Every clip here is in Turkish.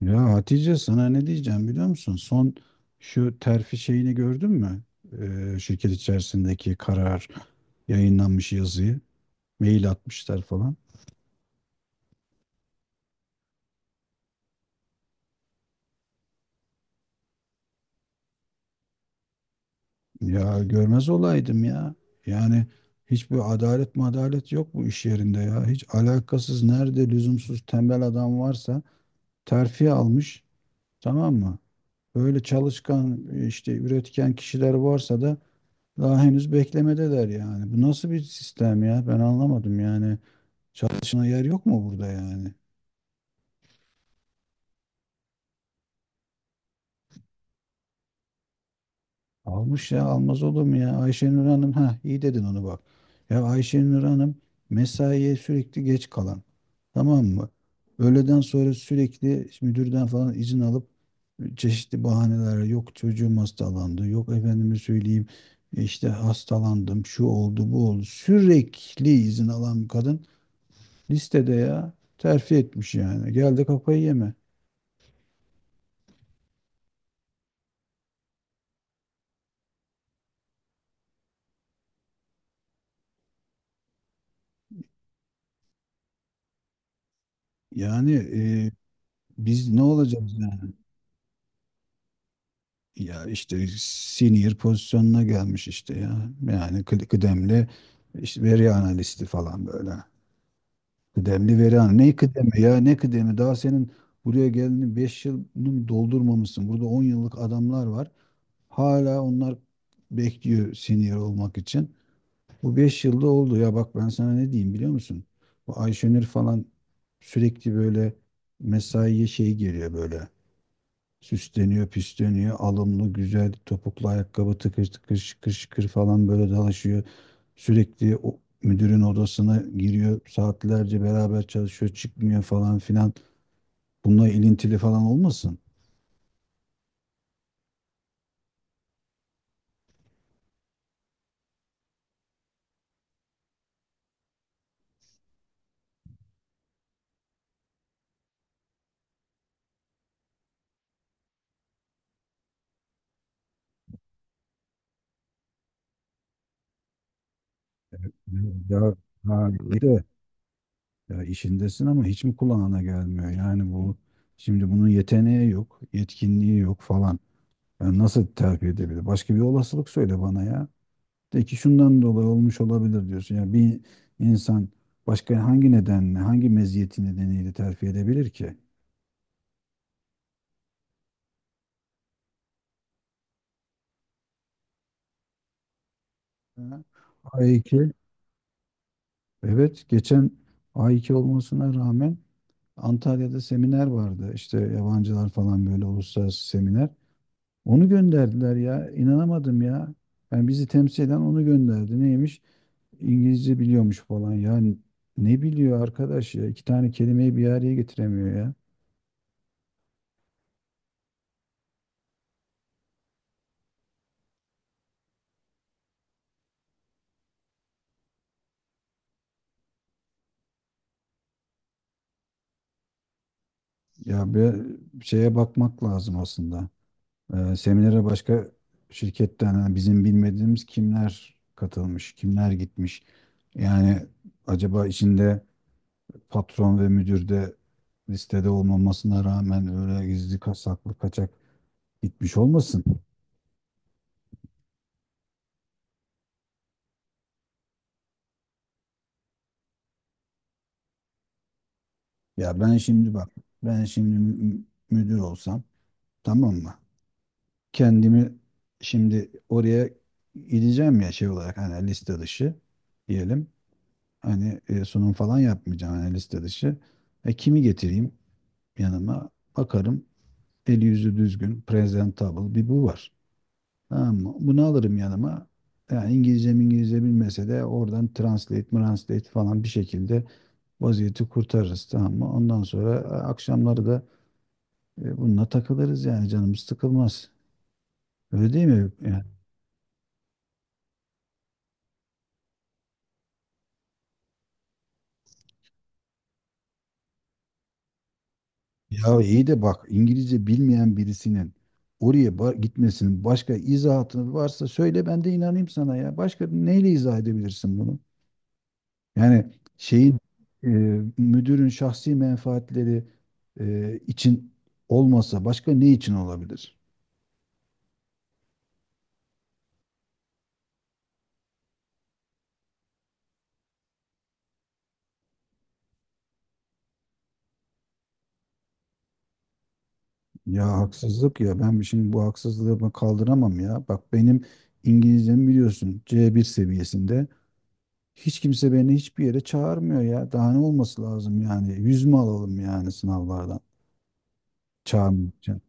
Ya Hatice sana ne diyeceğim biliyor musun? Son şu terfi şeyini gördün mü? Şirket içerisindeki karar yayınlanmış yazıyı. Mail atmışlar falan. Ya görmez olaydım ya. Yani hiçbir adalet madalet yok bu iş yerinde ya. Hiç alakasız nerede lüzumsuz tembel adam varsa terfi almış, tamam mı? Böyle çalışkan işte üretken kişiler varsa da daha henüz beklemedeler yani. Bu nasıl bir sistem ya? Ben anlamadım yani. Çalışına yer yok mu burada yani? Almış, ya almaz olur mu ya? Ayşenur Hanım, ha iyi dedin onu bak. Ya Ayşenur Hanım mesaiye sürekli geç kalan. Tamam mı? Öğleden sonra sürekli müdürden falan izin alıp çeşitli bahaneler, yok çocuğum hastalandı, yok efendime söyleyeyim işte hastalandım, şu oldu bu oldu, sürekli izin alan bir kadın listede ya terfi etmiş yani, geldi kafayı yeme yani. e, Biz ne olacağız? Ya işte senior pozisyonuna gelmiş işte ya. Yani kıdemli işte, veri analisti falan böyle. Kıdemli veri analisti. Ne kıdemi ya, ne kıdemi? Daha senin buraya geldiğini 5 yılını mı doldurmamışsın. Burada 10 yıllık adamlar var. Hala onlar bekliyor senior olmak için. Bu 5 yılda oldu. Ya bak, ben sana ne diyeyim biliyor musun? Bu Ayşenur falan sürekli böyle mesaiye şey geliyor böyle. Süsleniyor, püsleniyor. Alımlı, güzel topuklu ayakkabı tıkır tıkır şıkır şıkır falan böyle dalaşıyor. Sürekli o müdürün odasına giriyor. Saatlerce beraber çalışıyor, çıkmıyor falan filan. Bununla ilintili falan olmasın? Ya, ha, iyi de. Ya işindesin ama hiç mi kulağına gelmiyor? Yani bu şimdi, bunun yeteneği yok, yetkinliği yok falan. Yani nasıl terfi edebilir? Başka bir olasılık söyle bana ya. De ki şundan dolayı olmuş olabilir diyorsun. Yani bir insan başka hangi nedenle, hangi meziyeti nedeniyle terfi edebilir ki? Hı. A2. Evet, geçen A2 olmasına rağmen Antalya'da seminer vardı. İşte yabancılar falan böyle, uluslararası seminer. Onu gönderdiler ya. İnanamadım ya. Yani bizi temsil eden onu gönderdi. Neymiş? İngilizce biliyormuş falan. Yani ne biliyor arkadaş ya? İki tane kelimeyi bir araya getiremiyor ya. Ya bir şeye bakmak lazım aslında. Seminere başka şirketten hani bizim bilmediğimiz kimler katılmış, kimler gitmiş. Yani acaba içinde patron ve müdür de, listede olmamasına rağmen, öyle gizli saklı kaçak gitmiş olmasın? Ya ben şimdi bak, ben şimdi müdür olsam, tamam mı? Kendimi şimdi oraya gideceğim ya şey olarak, hani liste dışı diyelim. Hani sunum falan yapmayacağım, hani liste dışı. Kimi getireyim yanıma? Bakarım eli yüzü düzgün, presentable bir bu var. Tamam mı? Bunu alırım yanıma. Yani İngilizce bilmese de oradan translate falan, bir şekilde vaziyeti kurtarırız, tamam mı? Ondan sonra akşamları da bununla takılırız yani, canımız sıkılmaz. Öyle değil mi? Yani, ya iyi de bak, İngilizce bilmeyen birisinin oraya gitmesinin başka izahatı varsa söyle, ben de inanayım sana ya. Başka neyle izah edebilirsin bunu? Yani şeyin, e, müdürün şahsi menfaatleri için olmasa başka ne için olabilir? Ya haksızlık ya, ben şimdi bu haksızlığı ben kaldıramam ya. Bak benim İngilizcem biliyorsun C1 seviyesinde. Hiç kimse beni hiçbir yere çağırmıyor ya. Daha ne olması lazım yani? Yüz mü alalım yani sınavlardan? Çağırmayacağım.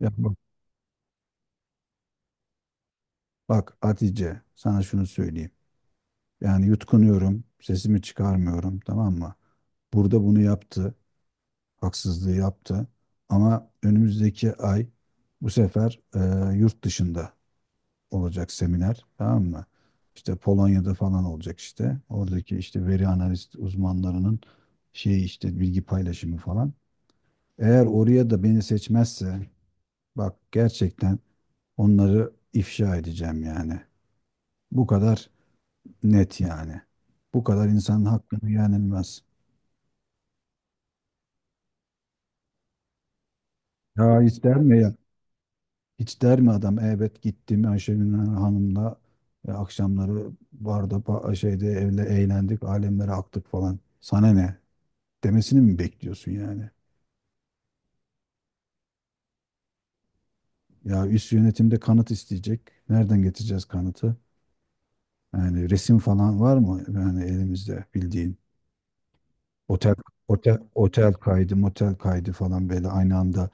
Ya bak, bak Hatice, sana şunu söyleyeyim. Yani yutkunuyorum, sesimi çıkarmıyorum, tamam mı? Burada bunu yaptı, haksızlığı yaptı. Ama önümüzdeki ay bu sefer yurt dışında olacak seminer, tamam mı? İşte Polonya'da falan olacak işte. Oradaki işte veri analist uzmanlarının şeyi, işte bilgi paylaşımı falan. Eğer oraya da beni seçmezse, bak gerçekten onları ifşa edeceğim yani. Bu kadar net yani. Bu kadar insanın hakkını yenilmez. Ya hiç der mi ya? Hiç der mi adam? Evet gittim Ayşegül Hanım'la akşamları barda, şeyde evle eğlendik, alemlere aktık falan. Sana ne? Demesini mi bekliyorsun yani? Ya üst yönetimde kanıt isteyecek. Nereden getireceğiz kanıtı? Yani resim falan var mı yani elimizde bildiğin? Otel Otel kaydı, motel kaydı falan, böyle aynı anda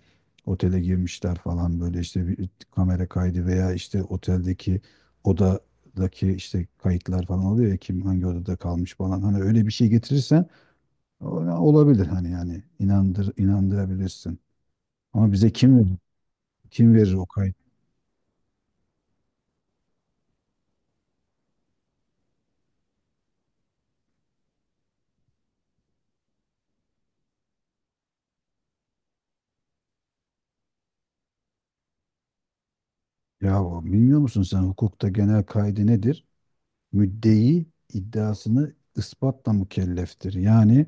otele girmişler falan, böyle işte bir kamera kaydı veya işte oteldeki odadaki işte kayıtlar falan oluyor ya, kim hangi odada kalmış falan, hani öyle bir şey getirirsen o- olabilir, hani yani inandırabilirsin. Ama bize kim verir? Kim verir o kayıt? Ya bilmiyor musun sen hukukta genel kaydı nedir? Müddei iddiasını ispatla mükelleftir. Yani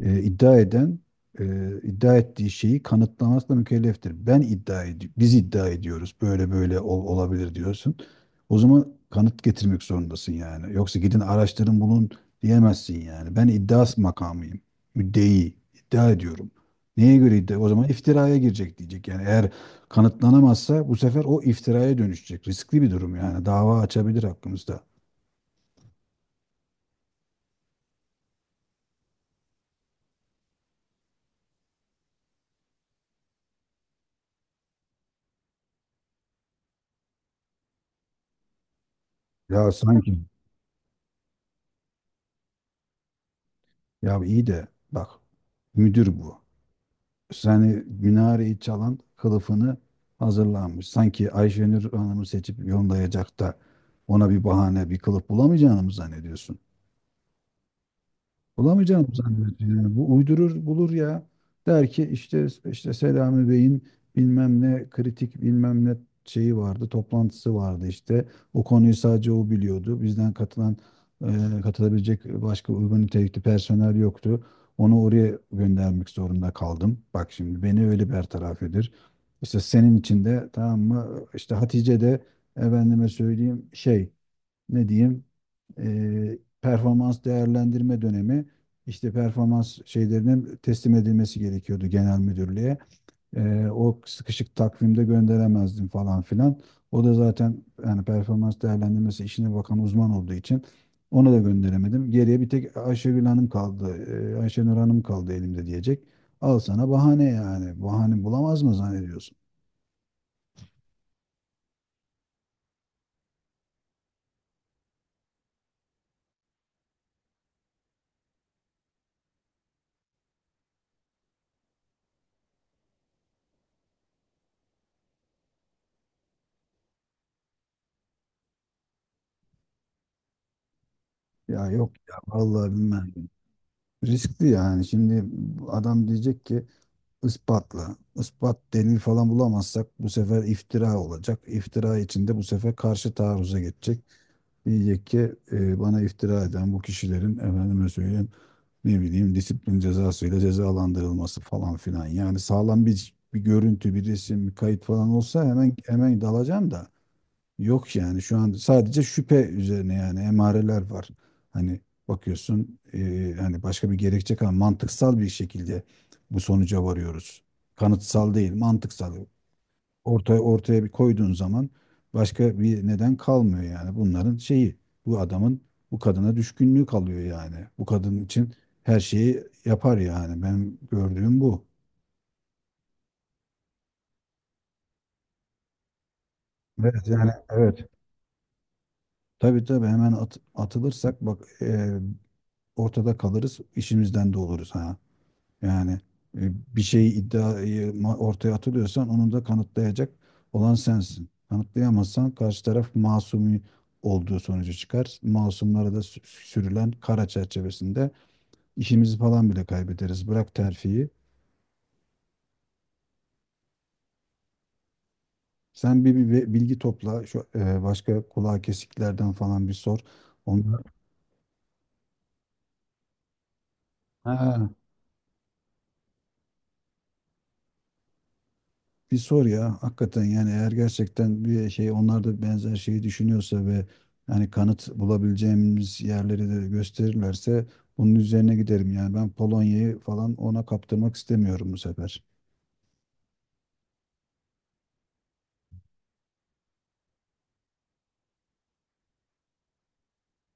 iddia eden e, iddia ettiği şeyi kanıtlamakla mükelleftir. Ben iddia ediyorum, biz iddia ediyoruz. Böyle böyle olabilir diyorsun. O zaman kanıt getirmek zorundasın yani. Yoksa gidin araştırın bulun diyemezsin yani. Ben iddia makamıyım. Müddei iddia ediyorum. Neye göre iddia? O zaman iftiraya girecek, diyecek. Yani eğer kanıtlanamazsa, bu sefer o iftiraya dönüşecek. Riskli bir durum yani. Dava açabilir hakkımızda. Ya sanki, ya iyi de bak, müdür bu. Yani minareyi çalan kılıfını hazırlanmış. Sanki Ayşenur Hanım'ı seçip yollayacak da ona bir bahane, bir kılıf bulamayacağını mı zannediyorsun? Bulamayacağını mı zannediyorsun yani? Bu uydurur bulur ya. Der ki, işte Selami Bey'in bilmem ne kritik bilmem ne şeyi vardı, toplantısı vardı işte. O konuyu sadece o biliyordu. Bizden katılan, katılabilecek başka uygun nitelikli personel yoktu. Onu oraya göndermek zorunda kaldım. Bak şimdi beni öyle bertaraf edir. İşte senin için de, tamam mı? İşte Hatice de efendime söyleyeyim şey, ne diyeyim, performans değerlendirme dönemi, işte performans şeylerinin teslim edilmesi gerekiyordu genel müdürlüğe. O sıkışık takvimde gönderemezdim falan filan. O da zaten yani performans değerlendirmesi işine bakan uzman olduğu için ona da gönderemedim. Geriye bir tek Ayşegül Hanım kaldı. Ayşenur Hanım kaldı elimde, diyecek. Al sana bahane yani. Bahane bulamaz mı zannediyorsun? Ya yok ya, vallahi bilmem. Riskli yani. Şimdi adam diyecek ki ispatla. Ispat delil falan bulamazsak bu sefer iftira olacak. İftira içinde bu sefer karşı taarruza geçecek. Diyecek ki bana iftira eden bu kişilerin efendime söyleyeyim ne bileyim, disiplin cezasıyla cezalandırılması falan filan. Yani sağlam bir görüntü, bir resim, bir kayıt falan olsa hemen hemen dalacağım da. Yok yani, şu an sadece şüphe üzerine, yani emareler var. Hani bakıyorsun, hani başka bir gerekçe kalmadı. Mantıksal bir şekilde bu sonuca varıyoruz. Kanıtsal değil, mantıksal. Ortaya bir koyduğun zaman başka bir neden kalmıyor yani. Bunların şeyi, bu adamın bu kadına düşkünlüğü kalıyor yani. Bu kadın için her şeyi yapar yani. Benim gördüğüm bu. Evet yani, evet. Tabii tabii, hemen atılırsak bak ortada kalırız, işimizden de oluruz ha. Yani e, bir şeyi, ortaya atılıyorsan onu da kanıtlayacak olan sensin. Kanıtlayamazsan karşı taraf masumi olduğu sonucu çıkar. Masumlara da sürülen kara çerçevesinde işimizi falan bile kaybederiz. Bırak terfiyi. Sen bir, bilgi topla. Şu başka kulağa kesiklerden falan bir sor. Onlar, ha, bir sor ya, hakikaten yani eğer gerçekten bir şey, onlar da benzer şeyi düşünüyorsa ve yani kanıt bulabileceğimiz yerleri de gösterirlerse bunun üzerine giderim. Yani ben Polonya'yı falan ona kaptırmak istemiyorum bu sefer.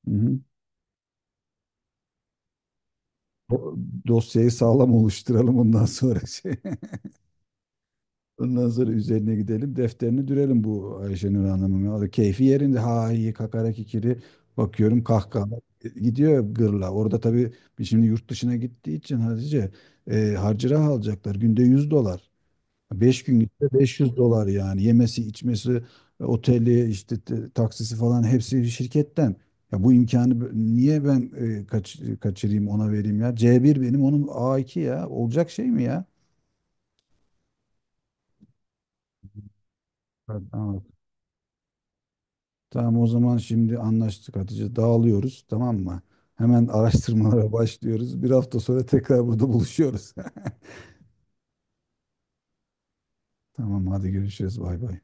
Hı hı. O dosyayı sağlam oluşturalım, ondan sonra ondan sonra üzerine gidelim. Defterini dürelim bu Ayşenur Hanım'ın. O da keyfi yerinde. Ha iyi, kakara kikiri. Bakıyorum kahkaha gidiyor gırla. Orada tabii biz şimdi yurt dışına gittiği için Hatice, harcırah alacaklar. Günde 100 dolar. 5 gün gitse 500 dolar yani. Yemesi, içmesi, oteli, işte taksisi falan, hepsi şirketten. Ya bu imkanı niye ben kaçırayım, ona vereyim ya? C1 benim, onun A2 ya. Olacak şey mi ya? Evet. Tamam o zaman, şimdi anlaştık Hatice. Dağılıyoruz, tamam mı? Hemen araştırmalara başlıyoruz. 1 hafta sonra tekrar burada buluşuyoruz. Tamam hadi, görüşürüz. Bay bay.